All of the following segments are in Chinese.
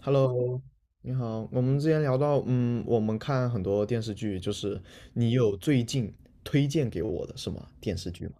Hello，你好。我们之前聊到，我们看很多电视剧，就是你有最近推荐给我的什么电视剧吗？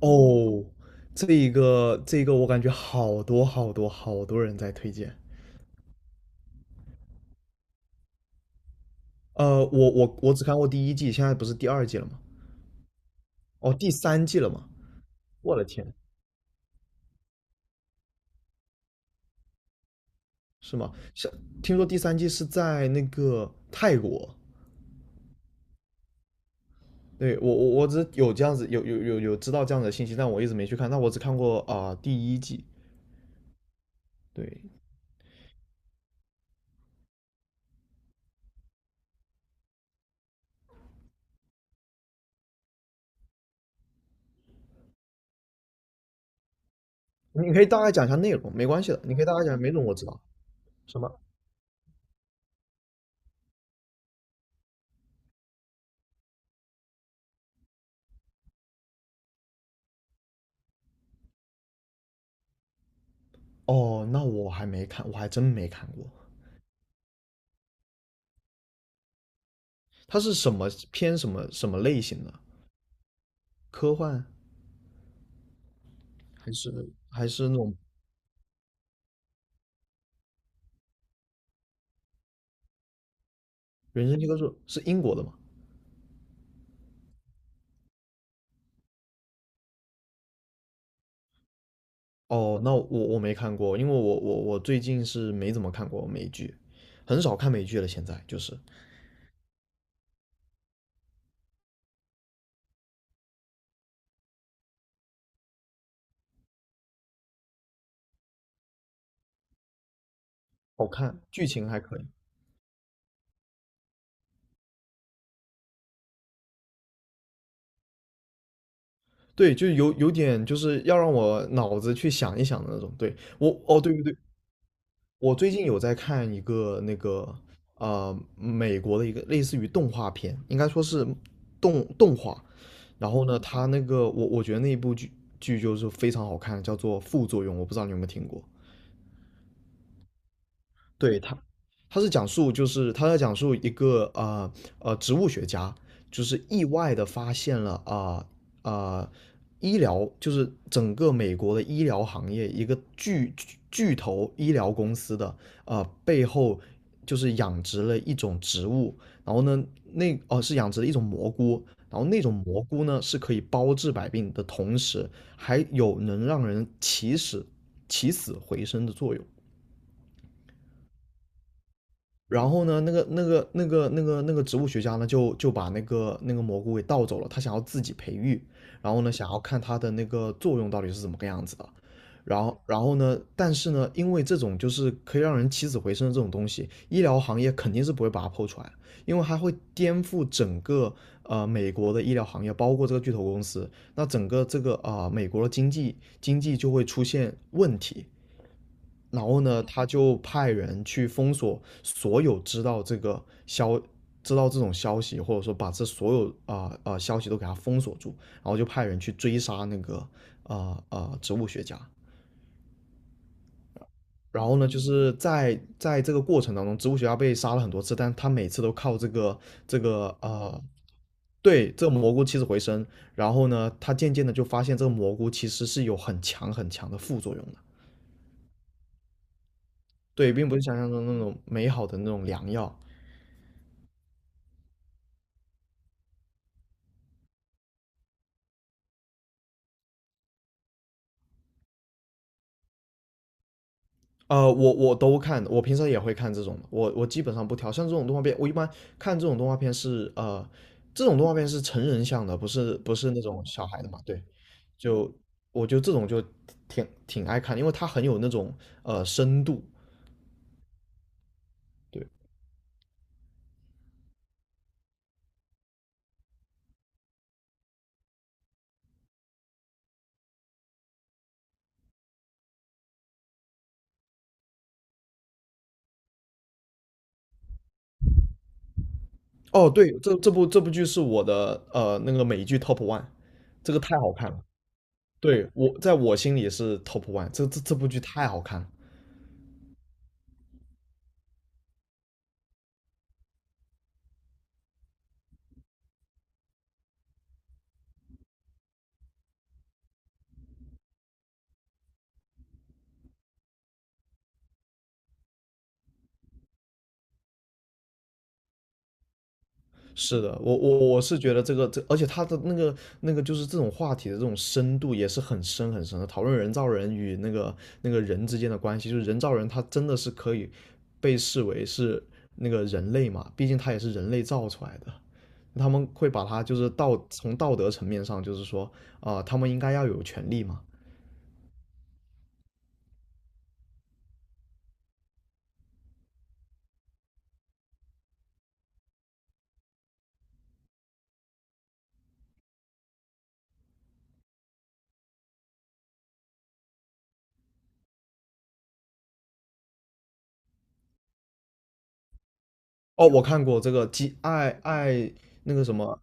哦，这一个我感觉好多好多好多人在推荐。我只看过第一季，现在不是第二季了吗？哦，第三季了吗？我的天，是吗？像听说第三季是在那个泰国。对，我只有这样子有知道这样的信息，但我一直没去看。但我只看过第一季。对，你可以大概讲一下内容，没关系的，你可以大概讲，没容，我知道什么。哦，那我还没看，我还真没看过。它是什么偏什么什么类型的？科幻还是还是那种人生教科书？是英国的吗？哦，那我没看过，因为我最近是没怎么看过美剧，很少看美剧了。现在就是好看，剧情还可以。对，就是有点就是要让我脑子去想一想的那种。对我，哦，对对对，我最近有在看一个那个美国的一个类似于动画片，应该说是动画。然后呢，它那个我觉得那一部剧就是非常好看，叫做《副作用》，我不知道你有没有听过。对他，他是讲述就是他在讲述一个植物学家，就是意外的发现了呃呃医疗就是整个美国的医疗行业一个巨头医疗公司的呃背后就是养殖了一种植物，然后呢是养殖了一种蘑菇。然后那种蘑菇呢，是可以包治百病的同时，还有能让人起死回生的作用。然后呢，那个植物学家呢，就把那个蘑菇给盗走了，他想要自己培育，然后呢，想要看它的那个作用到底是怎么个样子的。然后呢？但是呢，因为这种就是可以让人起死回生的这种东西，医疗行业肯定是不会把它剖出来因为它会颠覆整个呃美国的医疗行业，包括这个巨头公司，那整个这个美国的经济就会出现问题。然后呢，他就派人去封锁所有知道这个知道这种消息，或者说把这所有消息都给他封锁住，然后就派人去追杀那个植物学家。然后呢，就是在这个过程当中，植物学家被杀了很多次，但他每次都靠这个对这个蘑菇起死回生。然后呢，他渐渐的就发现这个蘑菇其实是有很强的副作用的，对，并不是想象中那种美好的那种良药。我都看，我平常也会看这种的，我基本上不挑，像这种动画片，我一般看这种动画片是这种动画片是成人向的，不是那种小孩的嘛，对，就我就这种就挺爱看，因为它很有那种呃深度，对，哦对，这部剧是我的呃那个美剧 top one，这个太好看了，对，我在我心里是 top one，这部剧太好看了，是的，我是觉得这个这，而且他的那个就是这种话题的这种深度也是很深的，讨论人造人与那个人之间的关系，就是人造人他真的是可以被视为是那个人类嘛，毕竟他也是人类造出来的，他们会把他就是从道德层面上就是说他们应该要有权利嘛。哦，我看过这个《机爱那个什么》，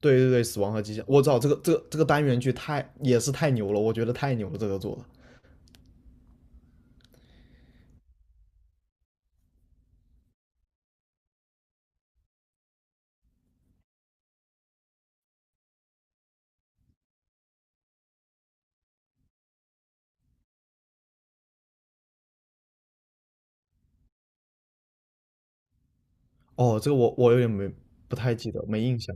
对对对，《死亡和机械》，我知道这个单元剧太也是太牛了，我觉得太牛了，这个做的。哦，这个我有点没不太记得，没印象。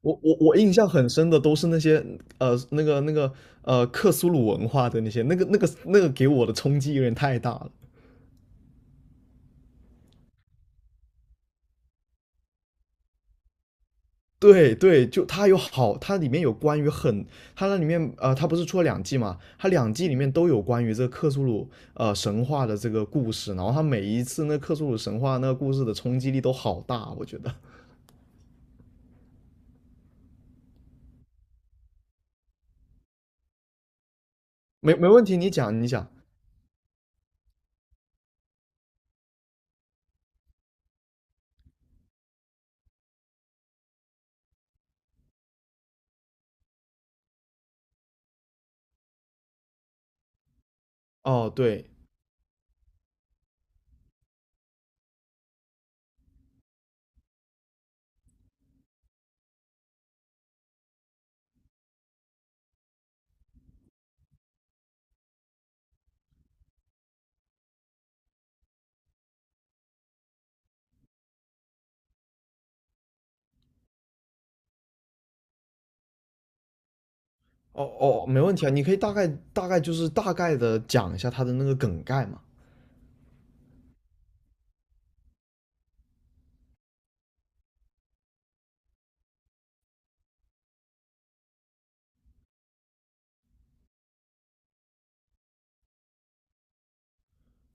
我印象很深的都是那些呃那个那个克苏鲁文化的那些，那个给我的冲击有点太大了。对对，就它有好，它里面有关于很，它那里面呃，它不是出了两季嘛？它两季里面都有关于这个克苏鲁呃神话的这个故事，然后它每一次那克苏鲁神话那个故事的冲击力都好大，我觉得。没问题，你讲。哦，对，哦哦，没问题啊，你可以大概的讲一下它的那个梗概嘛。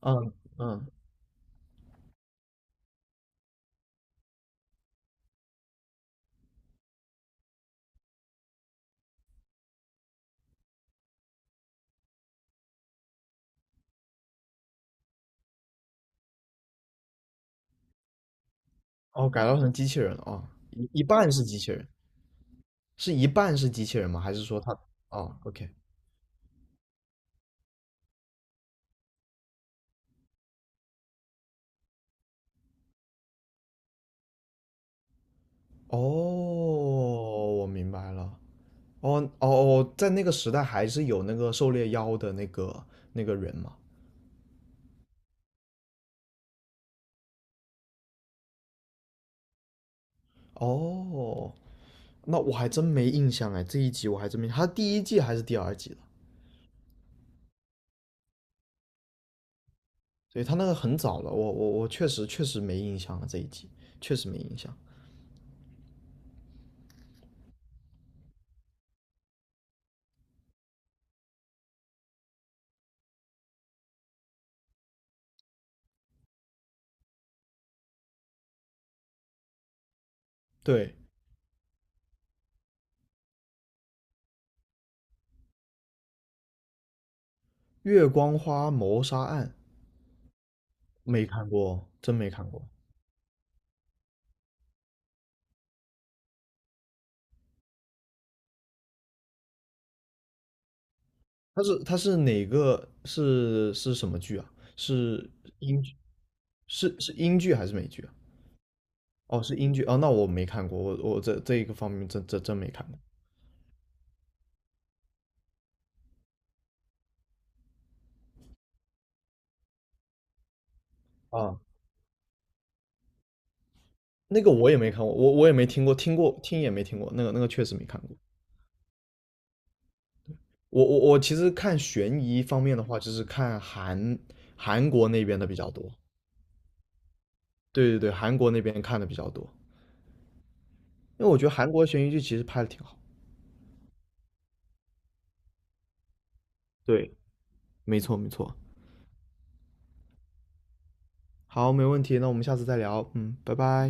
嗯嗯，哦，改造成机器人了啊，一半是机器人，是一半是机器人吗？还是说它？哦，OK，哦，我明白了。哦，在那个时代还是有那个狩猎妖的那个人嘛。哦，那我还真没印象哎，这一集我还真没，他第一季还是第二季的，所以他那个很早了，我确实确实没印象了，这一集确实没印象。对，《月光花谋杀案》没看过，真没看过。它是哪个是什么剧啊？是英剧是英剧还是美剧啊？哦，是英剧哦，那我没看过，我这这一个方面真没看过啊。那个我也没看过，我也没听过，听也没听过，那个确实没看过。我其实看悬疑方面的话，就是看韩国那边的比较多。对对对，韩国那边看的比较多，因为我觉得韩国悬疑剧其实拍的挺好。对，没错没错。好，没问题，那我们下次再聊。嗯，拜拜。